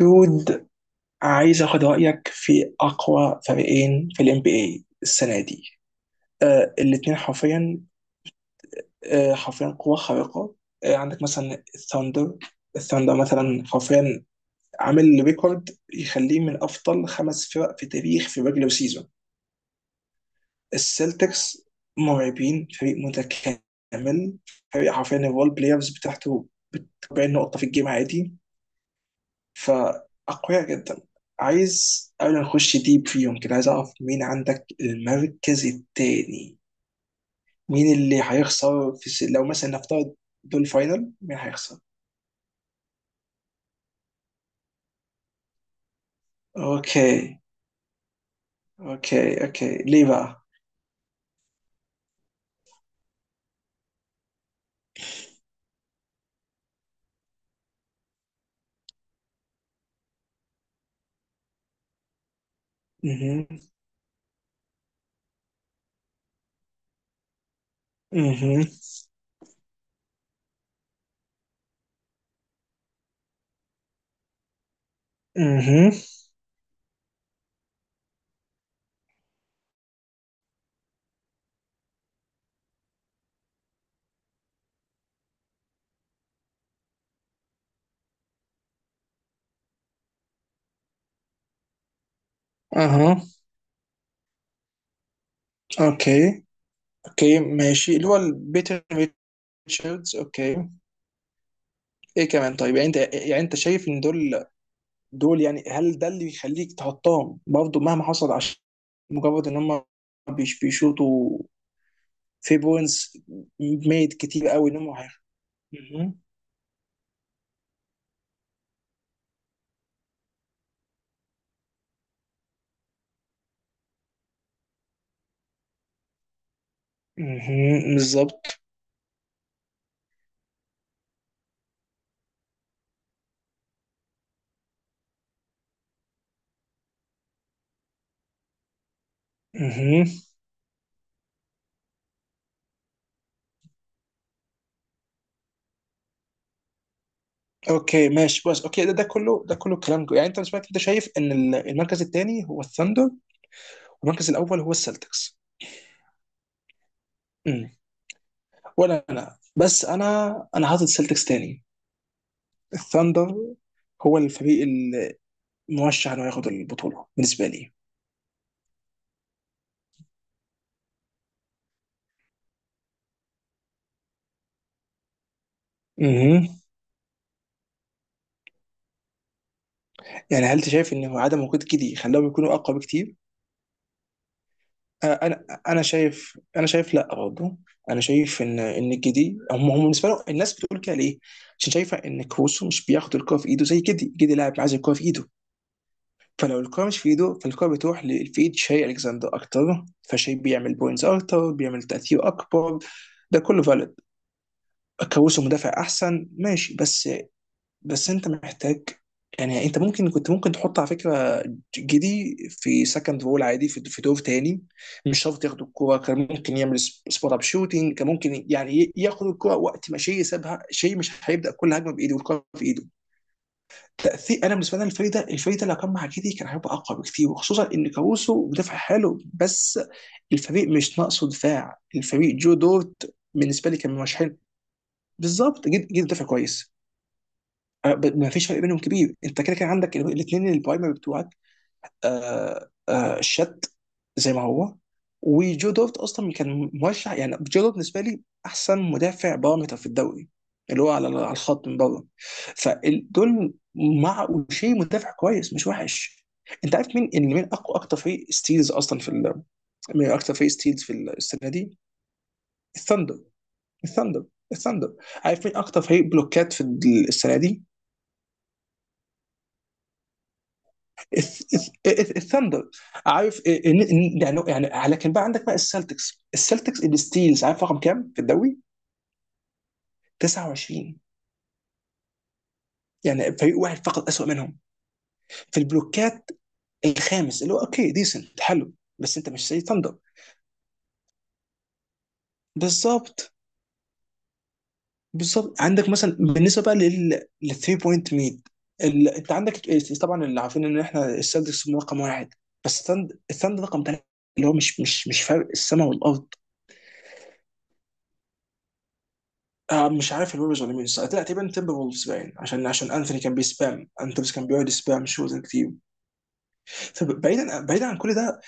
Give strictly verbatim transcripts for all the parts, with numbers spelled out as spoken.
دود، عايز اخد رايك في اقوى فريقين في الام بي اي السنه دي. آه، الاثنين حرفيا. آه حرفيا قوه خارقه. آه، عندك مثلا الثاندر. الثاندر مثلا حرفيا عامل ريكورد يخليه من افضل خمس فرق في تاريخ في ريجلر سيزون. السلتكس مرعبين، فريق متكامل. فريق حرفيا الرول بلايرز بتاعته اربعين نقطه في الجيم عادي. فأقوياء جدا. عايز قبل ما نخش ديب فيهم كده، عايز أعرف مين عندك المركز التاني. مين اللي هيخسر في س... لو مثلا نفترض دول فاينل، مين هيخسر؟ أوكي. أوكي أوكي ليه بقى؟ اها. اها. اها. اها. أوكي. أوكي ماشي، اللي هو البيتر ريتشاردز. أوكي. إيه كمان؟ طيب يعني أنت يعني أنت شايف إن دول، دول يعني هل ده اللي يخليك تحطهم برضه مهما حصل؟ عشان مجرد ان هم بيش- بيشوطوا في بوينتس ميد كتير قوي ان هم هيخ- مهم. مهم. بالظبط. مهم. اوكي ماشي، بس اوكي، ده ده كله ده كله كلام جو- يعني انت بالنسبه لك انت شايف ان ال- المركز الثاني هو الثاندر والمركز الاول هو السلتكس. مم. ولا انا؟ بس انا انا حاطط السلتكس ثاني. الثاندر هو الفريق المرشح انه ياخد البطوله بالنسبه لي. مهم. يعني هل انت شايف ان عدم وجود كيدي خلاهم يكونوا اقوى بكتير؟ آه، انا انا شايف، انا شايف لا برضه. انا شايف ان ان كيدي هم هم بالنسبه لهم. الناس بتقول كده ليه؟ عشان شايفه ان كروسو مش بياخد الكوره في ايده زي كيدي، كيدي لاعب عايز الكوره في ايده. فلو الكوره مش في ايده، فالكوره بتروح ل- في ايد شاي الكسندر اكتر، فشاي بيعمل بوينتس اكتر، بيعمل تاثير اكبر. ده كله فالid. كروسو مدافع احسن ماشي، بس. بس انت محتاج، يعني انت ممكن، كنت ممكن تحط على فكره جدي في سكند رول عادي، في في دور تاني. مش شرط ياخد الكوره، كان ممكن يعمل سبوت اب شوتنج، كان ممكن يعني ي- ياخد الكوره وقت ما شيء سابها. شيء مش هيبدا كل هجمه بايده والكوره في ايده. تاثير، انا بالنسبه لي الفريق ده، الفريق ده لو كان مع جدي كان هيبقى اقوى بكتير، وخصوصا ان كاروسو مدافع حلو بس. الفريق مش ناقصه دفاع، الفريق جو دورت بالنسبه لي كان مرشحين. بالظبط، جد، جد دافع كويس. آه، ب- ما فيش فرق بينهم كبير، انت كده كده عندك الاثنين البرايمري بتوعك. آه، آه، شات زي ما هو. وجو دوفت اصلا كان مرشح، يعني جو دوفت بالنسبه لي احسن مدافع بارامتر في الدوري، اللي هو على على الخط من بره. فدول مع وشي مدافع كويس مش وحش. انت عارف مين اللي من اقوى اكتر فريق ستيلز اصلا في ال... من اكتر فريق ستيلز في السنه دي؟ الثاندر. الثاندر. الثاندر. عارف مين اكتر فريق بلوكات في السنه دي؟ الثاندر. عارف إيه- إن- إن- يعني يعني لكن بقى عندك بقى السلتكس السلتكس الستيلز عارف رقم كام في الدوري؟ تسعه و عشرين. يعني فريق واحد فقط اسوأ منهم في البلوكات. الخامس، اللي هو اوكي، ديسنت، حلو بس، انت مش زي ثاندر. بالظبط. بالظبط. عندك مثلا بالنسبه بقى لل ثري بوينت ميد ال... انت عندك ال- طبعا اللي عارفين ان احنا السلتكس رقم واحد، بس الثاند- الثاندر رقم ثلاثه، اللي هو مش مش مش فرق السماء والارض. آه مش عارف الويبرز ولا مين الصراحة. لا، تقريبا تيمبر وولفز باين، عشان عشان انثوني كان بيسبام، انثوني كان بيقعد يسبام شوز كتير. فبعيدا بعيدا عن كل ده،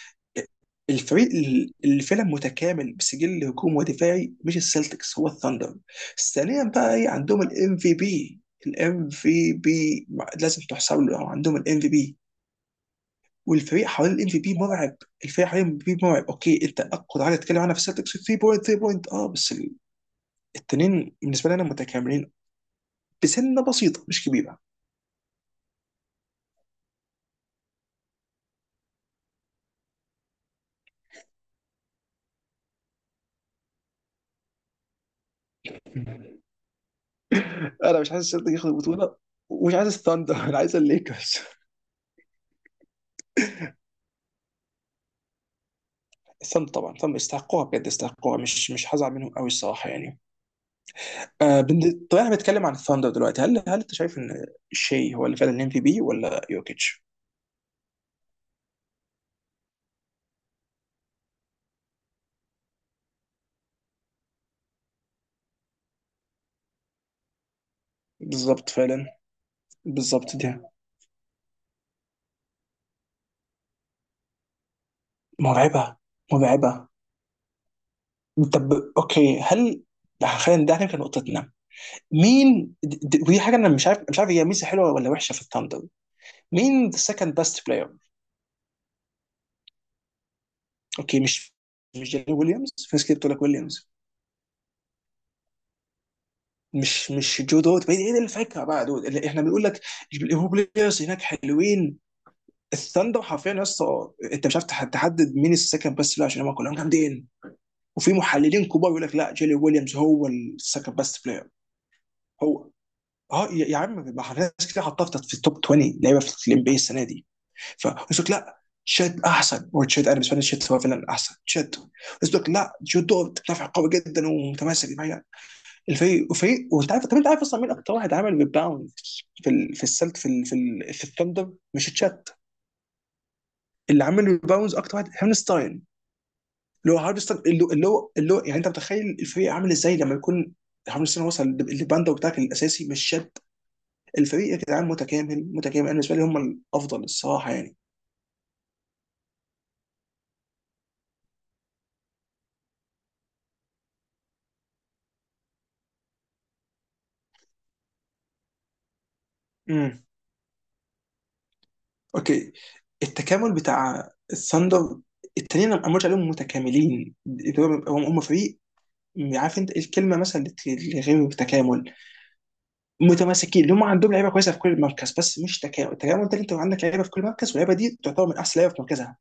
الفريق ال- اللي فعلا متكامل بسجل هجوم ودفاعي مش السلتكس، هو الثاندر. ثانيا بقى، ايه؟ عندهم الام في بي. الام في بي لازم تحسب له. عندهم الام في بي والفريق حوالين الام في بي مرعب. الفريق حوالين الام في بي مرعب. اوكي، انت اقوى حاجه تتكلم عنها في السلتكس ثري بوينت، تلاته بوينت اه، بس ال- التنين بالنسبه لي انا متكاملين بسنه بسيطه مش كبيره. انا مش عايز السلتيك ياخد البطوله ومش عايز الثاندر، انا عايز الليكرز. الثاندر طبعا، الثاندر يستحقوها بجد، يستحقوها، مش مش هزعل منهم قوي الصراحه يعني. آه بن- طب احنا بنتكلم عن الثاندر دلوقتي، هل هل انت شايف ان شي هو اللي فعلا الام في بي ولا يوكيتش؟ بالظبط فعلا. بالظبط دي مرعبه، مرعبه. طب، اوكي، هل، خلينا، ده كان نقطتنا. مين د- د- ودي حاجه انا مش عارف، مش عارف هي ميزه حلوه ولا وحشه في الثاندر، مين ذا سكند بيست بلاير؟ اوكي، مش مش جيري ويليامز، في ناس كتير بتقول لك ويليامز، مش مش جو دوت، بعيد. ايه الفكره بقى؟ دول اللي احنا بنقول لك الهو بلايرز هناك حلوين. الثاندر حرفيا يا اسطى انت مش عارف تح- تحدد مين السكند بيست بلاير، عشان هم كلهم جامدين. وفي محللين كبار يقول لك لا، جيري ويليامز هو السكند بيست بلاير. هو اه، يا يا عم، ما احنا ناس كتير حطها في التوب عشرين لعيبه في الام بي السنه دي. فقلت لك لا، تشيت احسن، وتشيت انا بالنسبه لي تشيت هو فعلا احسن تشيت. قلت لك لا، جو دوت مدافع قوي جدا ومتماسك الفريق، وفريق، وانت عارف. طب انت عارف اصلا مين اكتر واحد عمل ريباوند في ال... في السلت في ال... في, ال... في الثندر مش تشات؟ اللي عمل ريباوندز اكتر واحد هارنستاين، اللي هو هارنستاين، اللي هو اللي هو, اللي هو يعني انت متخيل الفريق عامل ازاي لما يكون هارنستاين وصل للباندا بتاعك الاساسي مش شد؟ الفريق يا جدعان متكامل، متكامل. انا بالنسبه لي هم الافضل الصراحه يعني. امم. اوكي، التكامل بتاع الثندر، التانيين انا ما قلتش عليهم متكاملين، هم هم فريق، عارف انت الكلمه مثلا اللي غير التكامل؟ متماسكين، اللي هم عندهم لعيبه كويسه في كل مركز بس مش تكامل. التكامل ده اللي انت عندك لعيبه في كل مركز واللعيبه دي تعتبر من احسن لعيبه في مركزها،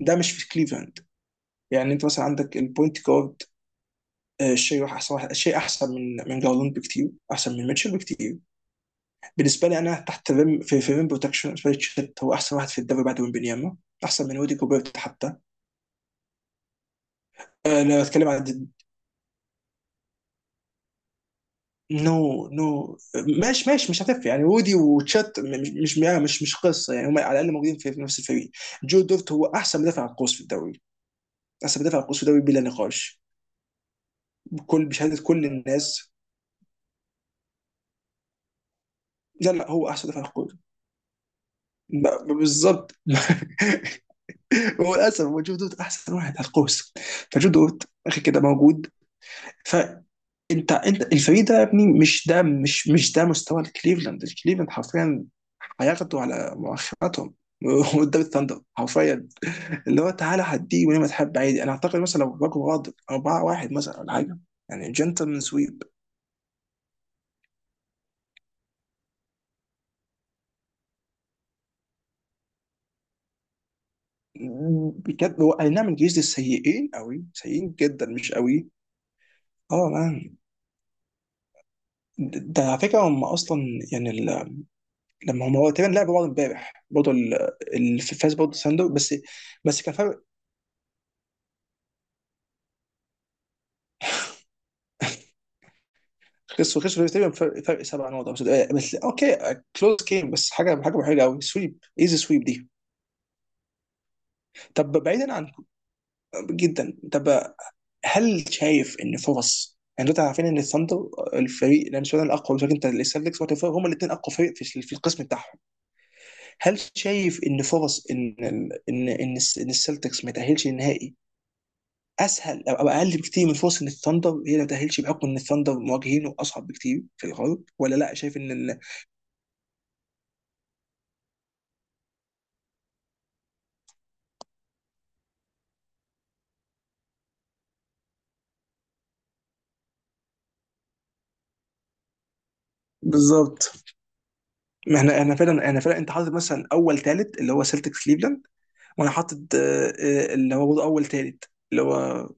ده مش في كليفلاند. يعني انت مثلا عندك البوينت جارد، آه، شيء احسن واحد. شيء احسن من من جارلاند بكتير، احسن من ميتشل بكتير. بالنسبه لي انا، تحت الريم، في في ريم بروتكشن، بالنسبه لي تشيت هو احسن واحد في الدوري بعد ويمبينياما. احسن من ودي جوبيرت حتى. أه لو اتكلم عن، نو نو، ماشي ماشي، مش هتفرق يعني وودي وتشات م- مش مش مش مش قصه يعني، هم على الاقل موجودين في في نفس الفريق. جو دورت هو احسن مدافع على القوس في الدوري، احسن مدافع على القوس في الدوري بلا نقاش، بكل بشهاده كل الناس. لا لا، هو احسن مدافع على القوس. ب- بالظبط. هو للاسف هو جو دورت احسن واحد على القوس. فجو دورت اخي كده موجود. فانت، انت، الفريق ده يا ابني، مش ده، مش مش ده مستوى الكليفلاند. الكليفلاند حرفيا هياخدوا على مؤخراتهم قدام الثاندر حرفيا. اللي هو تعالى هديه وليه ما تحب عادي، انا اعتقد مثلا لو باكو غاضب اربعه واحد مثلا ولا حاجه، يعني جنتلمان سويب. بجد، هو اي نعم، الجيش دي سيئين قوي، سيئين جدا مش قوي. اه مان. ده على فكره هم اصلا، يعني ال- لما هم، هو تقريبا لعبوا بعض امبارح برضه، ال- اللي فاز برضه ساندو بس، بس كان فرق. خسروا خسروا تقريبا فرق، فرق سبع نقط أو ست- آه، بس اوكي، كلوز جيم، بس حاجه حاجه حلوه قوي، سويب ايزي سويب دي. طب بعيدا عن، جدا، طب، هل شايف ان فرص، يعني دلوقتي عارفين ان الثاندر الفريق لان سؤال الاقوى مش عارف، انت السلتكس والتفاهم هم الاثنين اقوى فريق في في القسم بتاعهم، هل شايف ان فرص ان ال- ان ان الس- ان السلتكس ما تاهلش للنهائي اسهل او أو اقل بكتير من فرص ان الثاندر هي ما تاهلش، بحكم ان الثاندر مواجهينه اصعب بكتير في الغرب، ولا لا شايف ان ال...؟ بالظبط. ما احنا، انا فعلا انا فعلا انت حاطط مثلا اول ثالث اللي هو سلتكس كليفلاند، وانا حاطط آه، آه، اللي هو برضه اول ثالث، اللي هو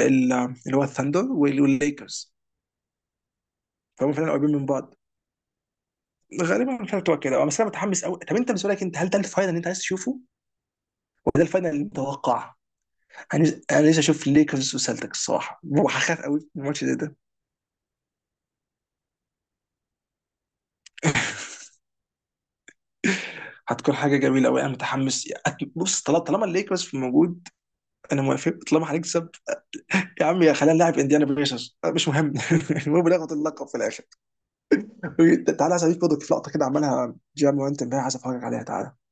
ال- اللي هو الثاندر وال- والليكرز. فهم فعلا قريبين من بعض. غالبا مش هتبقى كده أه، بس انا متحمس قوي. طب انت بالنسبه لك انت، هل ده الفاينل اللي انت عايز تشوفه ولا ده الفاينل اللي متوقع؟ انا انا لسه اشوف ليكرز وسلتكس الصراحه، وهخاف قوي من الماتش زي ده. هتكون حاجه جميله قوي، انا متحمس. أت- بص، طالما طالما الليكرز في موجود انا موافق، طالما هنكسب يا عم، يا خلينا نلعب انديانا بيسرز أه، مش مهم. المهم ناخد اللقب في الاخر. تعالى عايز اضيف برضه في لقطه كده عملها جيم وانت امبارح، عايز افرجك عليها، تعالى.